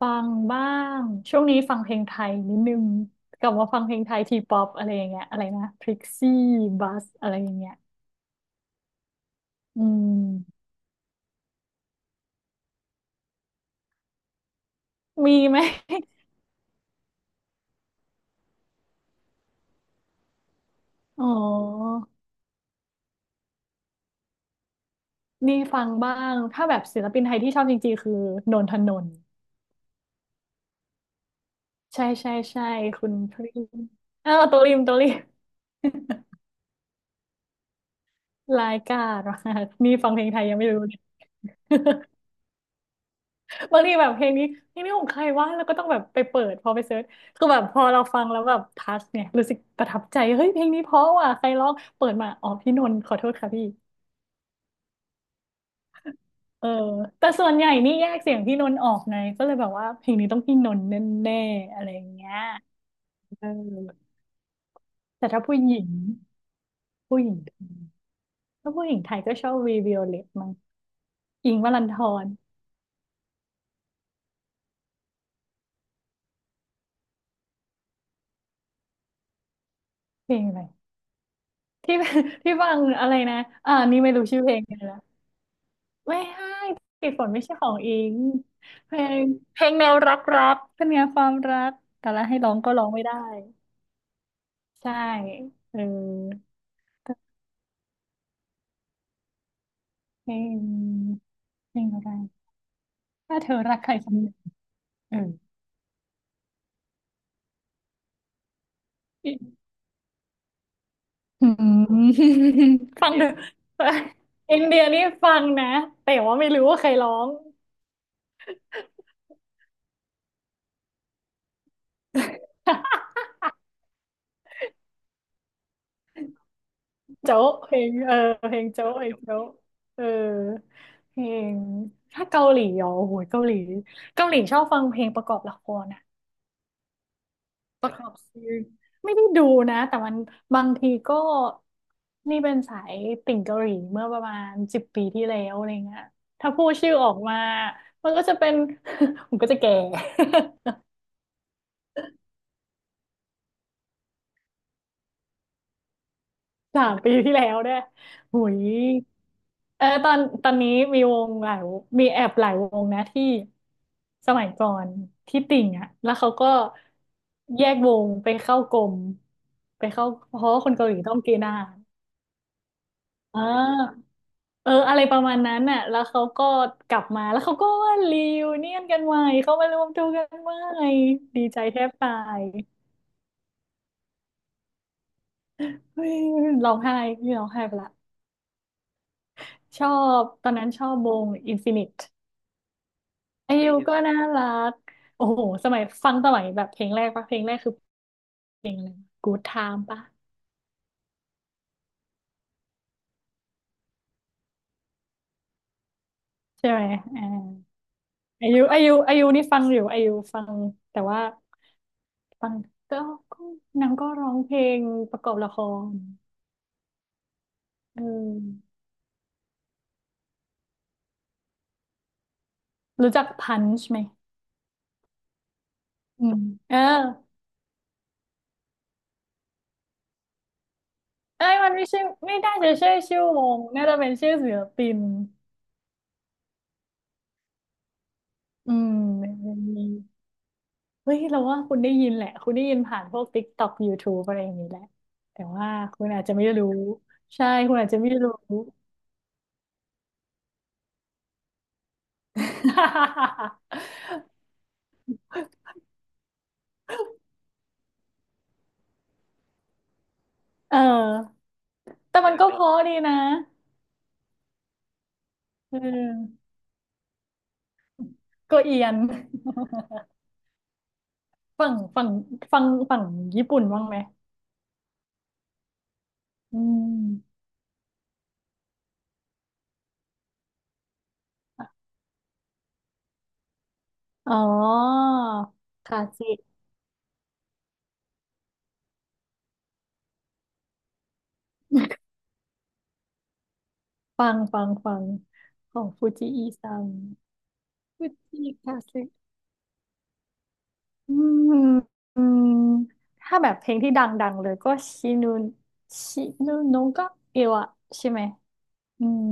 ฟังบ้างช่วงนี้ฟังเพลงไทยนิดนึงกลับมาฟังเพลงไทยทีป๊อปอะไรอย่างเงี้ยอะไรนะพริกซี่บัสอะไรอย่างเงี้ยอืมมีไหม อ๋อนี่ฟังบ้างถ้าแบบศิลปินไทยที่ชอบจริงๆคือนนทนนท์ใช่ใช่ใช่คุณพริมเออตัวริมรายกา รดมากนี่ฟังเพลงไทยยังไม่รู้เลย บางทีแบบเพลงนี้ของใครวะแล้วก็ต้องแบบไปเปิดพอไปเซิร์ชคือแบบพอเราฟังแล้วแบบทัชเนี่ยรู้สึกประทับใจเฮ้ยเพลงนี้เพราะว่ะใครร้องเปิดมาอ๋อพี่นนท์ขอโทษค่ะพี่เออแต่ส่วนใหญ่นี่แยกเสียงพี่นนท์ออกไงก็เลยแบบว่าเพลงนี้ต้องพี่นนท์แน่ๆอะไรอย่างเงี้ยเออแต่ถ้าผู้หญิงผู้หญิงไทยถ้าผู้หญิงไทยก็ชอบวีวิโอเลตมั้งอิงค์วรันธรเพลงอะไรที่ ที่ฟังอะไรนะอ่านี่ไม่รู้ชื่อเพลงเลยนะ ไม่ให้ติดฝนไม่ใช่ของอิงเพลงแนวรักร็กเป็นไงความรักแต่ละให้ร้องก็ร้องไม่ได้ใช่เออเพลงเพลงอะไรถ้าเธอรักใครคนหนึ่งเอออืมฟังเถอะอินเดียนี่ฟังนะ แต่ว่าไม่รู้ว่าใครร้องโจ๊ะเพลงเออเพลงโจ๊ะไอ้โจ๊ะเออเพลงถ้าเกาหลีอ๋อโอ้โหเกาหลีเกาหลีชอบฟังเพลงประกอบละครนะ ประกอบซีรีส์ไม่ได้ดูนะแต่มันบางทีก็นี่เป็นสายติ่งเกาหลีเมื่อประมาณ10 ปีที่แล้วอะไรเงี้ยถ้าพูดชื่อออกมามันก็จะเป็น ผมก็จะแก่ 3 ปีที่แล้วด้วยหุยเออตอนนี้มีวงหลายวงมีแอบหลายวงนะที่สมัยก่อนที่ติ่งอ่ะแล้วเขาก็แยกวงไปเข้ากรมไปเข้าเพราะว่าคนเกาหลีต้องเกณฑ์ทหารอ่า เอออะไรประมาณนั้นน่ะแล้วเขาก็กลับมา แล้วเขาก็ว่ารีวเนียนกันใหม่เขามารวมตัวกันใหม่ดีใจแทบตายเฮ้ยร้องไห้นี่ร้องไห้ไปละ ชอบตอนนั้นชอบวงอินฟินิตอายุก็น่ารัก โอ้โหสมัยฟังสมัยแบบเพลงแรกปะเพลงแรกคือเพลงอะไร Good Time ปะใช่ไหมอ่าอายุนี่ฟังอยู่อายุฟังแต่ว่าฟังก็ก็นางก็ร้องเพลงประกอบละครเออ รู้จักพันช์ไหมอืมเออเอ้ยมันไม่ใช่ไม่ได้จะใช่ชื่อวงน่าจะเป็นชื่อศิลปินอืมมันมีเฮ้ย เราว่าคุณได้ยินแหละ คุณได้ยินผ่านพวก TikTok YouTube อะไรอย่างนี้แหละ แต่ว่าคุณอาจจะไม่รู้ ใช่ คุณอาจจะไม่รู้ เออแต่มันก็เพราะดีนะเออโก็เอียนฝั่งฝั่งฝั่งฝั่งญี่ปุ่นบ้างไหมอืมอ๋อคาซิ ฟังฟังฟังของฟูจิอีซังฟูจิคลาสึอืมอืมถ้าแบบเพลงที่ดังๆเลยก็ชินุชินุนงก็เอวะใช่ไหมอืม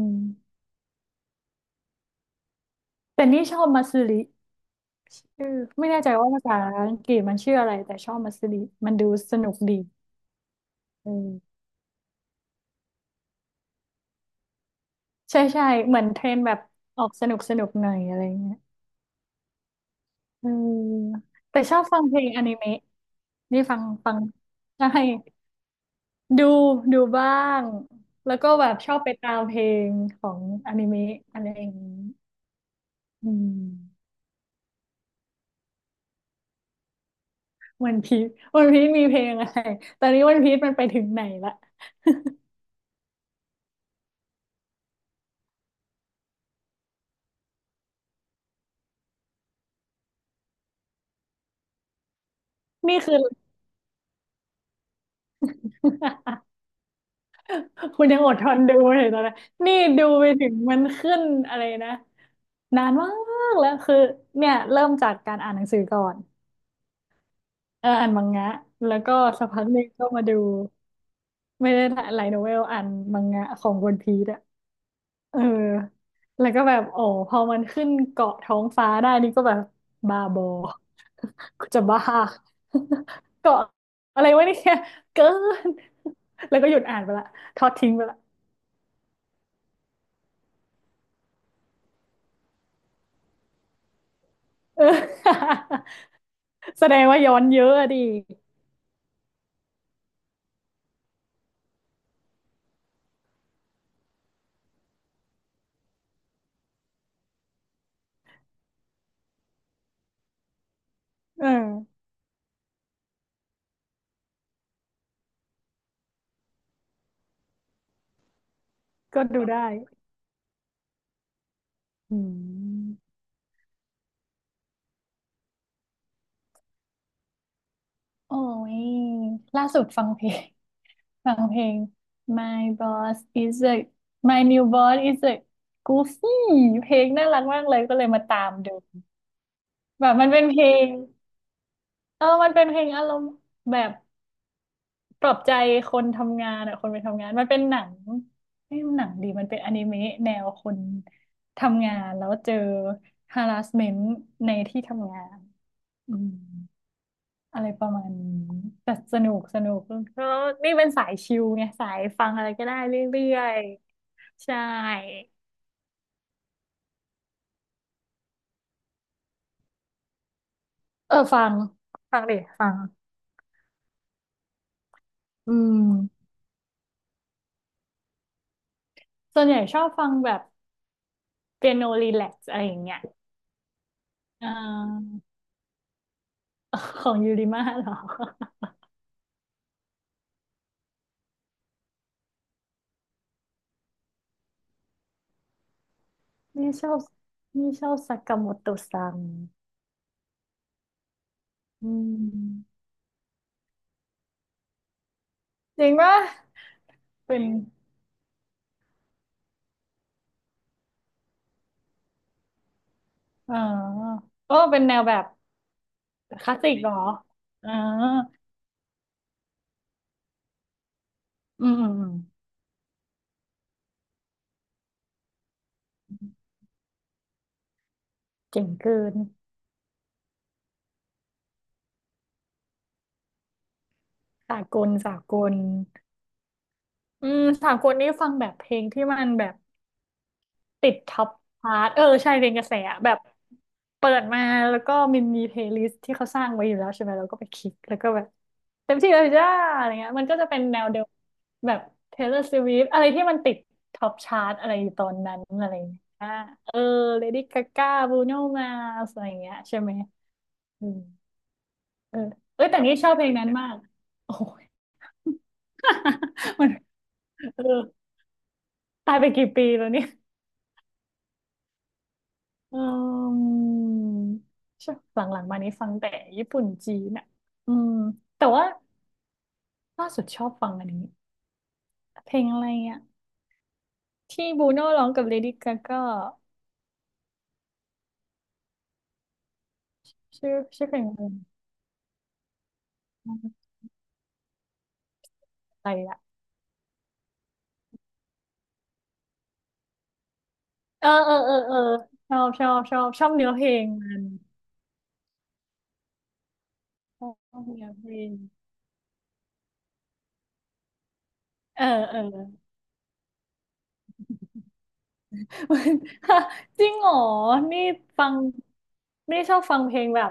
แต่นี่ชอบมาซึริเออไม่แน่ใจว่าภาษาอังกฤษมันชื่ออะไรแต่ชอบมาซึริมันดูสนุกดีเออใช่ใช่เหมือนเทรนแบบออกสนุกสนุกหน่อยอะไรเงี้ยเออแต่ชอบฟังเพลงอนิเมะนี่ฟังฟังใช่ ดูดูบ้างแล้วก็แบบชอบไปตามเพลงของอนิเมะอะไรอย่างนี้อืมวันพีชวันพีชมีเพลงอะไรตอนนี้วันพีชมันไปถึงไหนละนี่คือ คุณยังอดทนดูเลยตอนนั้นนี่ดูไปถึงมันขึ้นอะไรนะนานมากแล้วคือเนี่ยเริ่มจากการอ่านหนังสือก่อนเอออ่านมังงะแล้วก็สักพักหนึงก็มาดูไม่ได้ถ่ายไลท์โนเวลอ่านมังงะของวันพีช เออแล้วก็แบบโอ้พอมันขึ้นเกาะท้องฟ้าได้นี่ก็แบบบ้าบอกูจะบ้า เกาะอะไรวะเนี่ยเกิน แล้วก็หยุดอ่านไปละทอดทิ้งไปละ เออ แสดงว่าย้อนเยอะอะดิเออก็ดูได้อืมโอ้ยล่าสุดฟังเพลง My boss is a My new boss is a goofy เพลงน่ารักมากเลยก็เลยมาตามดู แบบมันเป็นเพลงเออมันเป็นเพลงอารมณ์แบบปลอบใจคนทำงานอะคนไปทำงานมันเป็นหนังไม่หนังดีมันเป็นอนิเมะแนวคนทำงานแล้วเจอ harassment ในที่ทำงานอืมอะไรประมาณนี้แต่สนุกสนุกแลนี่เป็นสายชิลไงสายฟังอะไรก็ได้เรื่อยๆใช่เออฟังฟังดิฟังอืมส่วนใหญ่ชอบฟังแบบเปียโนรีแลกซ์อะไรอย่างเงี้ยอ่า ของยูริมาเหรอนี่ชอบนี่ชอบซากาโมโตะซัง อืมจริงปะเป็นเออก็เป็นแนวแบบคลาสสิกเหรออ่าอืมเจ๋งเกินสากลสากลอืมสากลนี่ฟังแบบเพลงที่มันแบบ ติดท็อปชาร์ตเออใช่เป็นกระแสอะแบบเปิดมาแล้วก็มันมีเพลย์ลิสต์ที่เขาสร้างไว้อยู่แล้วใช่ไหมเราก็ไปคลิกแล้วก็แบบเต็มที่เลยจ้าอะไรเงี้ยมันก็จะเป็นแนวเดียวแบบ Taylor Swift อะไรที่มันติดท็อปชาร์ตอะไรอยู่ตอนนั้นอะไรเงี้ยเออ Lady Gaga Bruno Mars อะไรเงี้ยใช่ไหมอืมเออเอ้ยแต่นี่ชอบเพลงนั้นมากโอ้ย มันเออตายไปกี่ปีแล้วเนี่ย อืมใช่หลังๆมานี้ฟังแต่ญี่ปุ่นจีนอ่ะอืมแต่ว่าล่าสุดชอบฟังอันนี้เพลงอะไรอ่ะที่บูโน่ร้องกับเลดี้กาก้าชื่อเพลงอะไรนะอะไรละเออชอบเนื้อเพลงมันชอบเนื้อเพลงเออ จริงเหรอนี่ฟังนี่ชอบฟังเพลงแบบ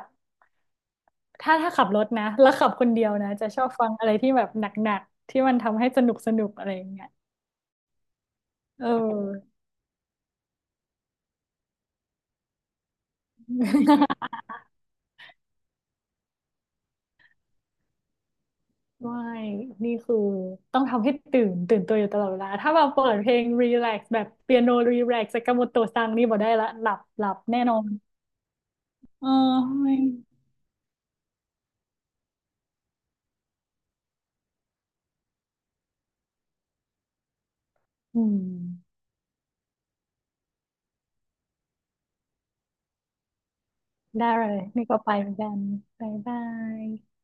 ถ้าขับรถนะแล้วขับคนเดียวนะจะชอบฟังอะไรที่แบบหนักๆที่มันทำให้สนุกสนุกอะไรอย่างเงี้ยเออ ไม่นี่คือต้องทำให้ตื่นตื่นตัวอยู่ตลอดเวลาถ้าแบบเปิดเพลงรีแลกซ์แบบเปียโนรีแลกซ์สากาโมโตะซังนี่บอกได้ละหลับหลับแน่นอนเออไม่อืมได้เลยนี่ก็ไปเหมือนกันบ๊ายบาย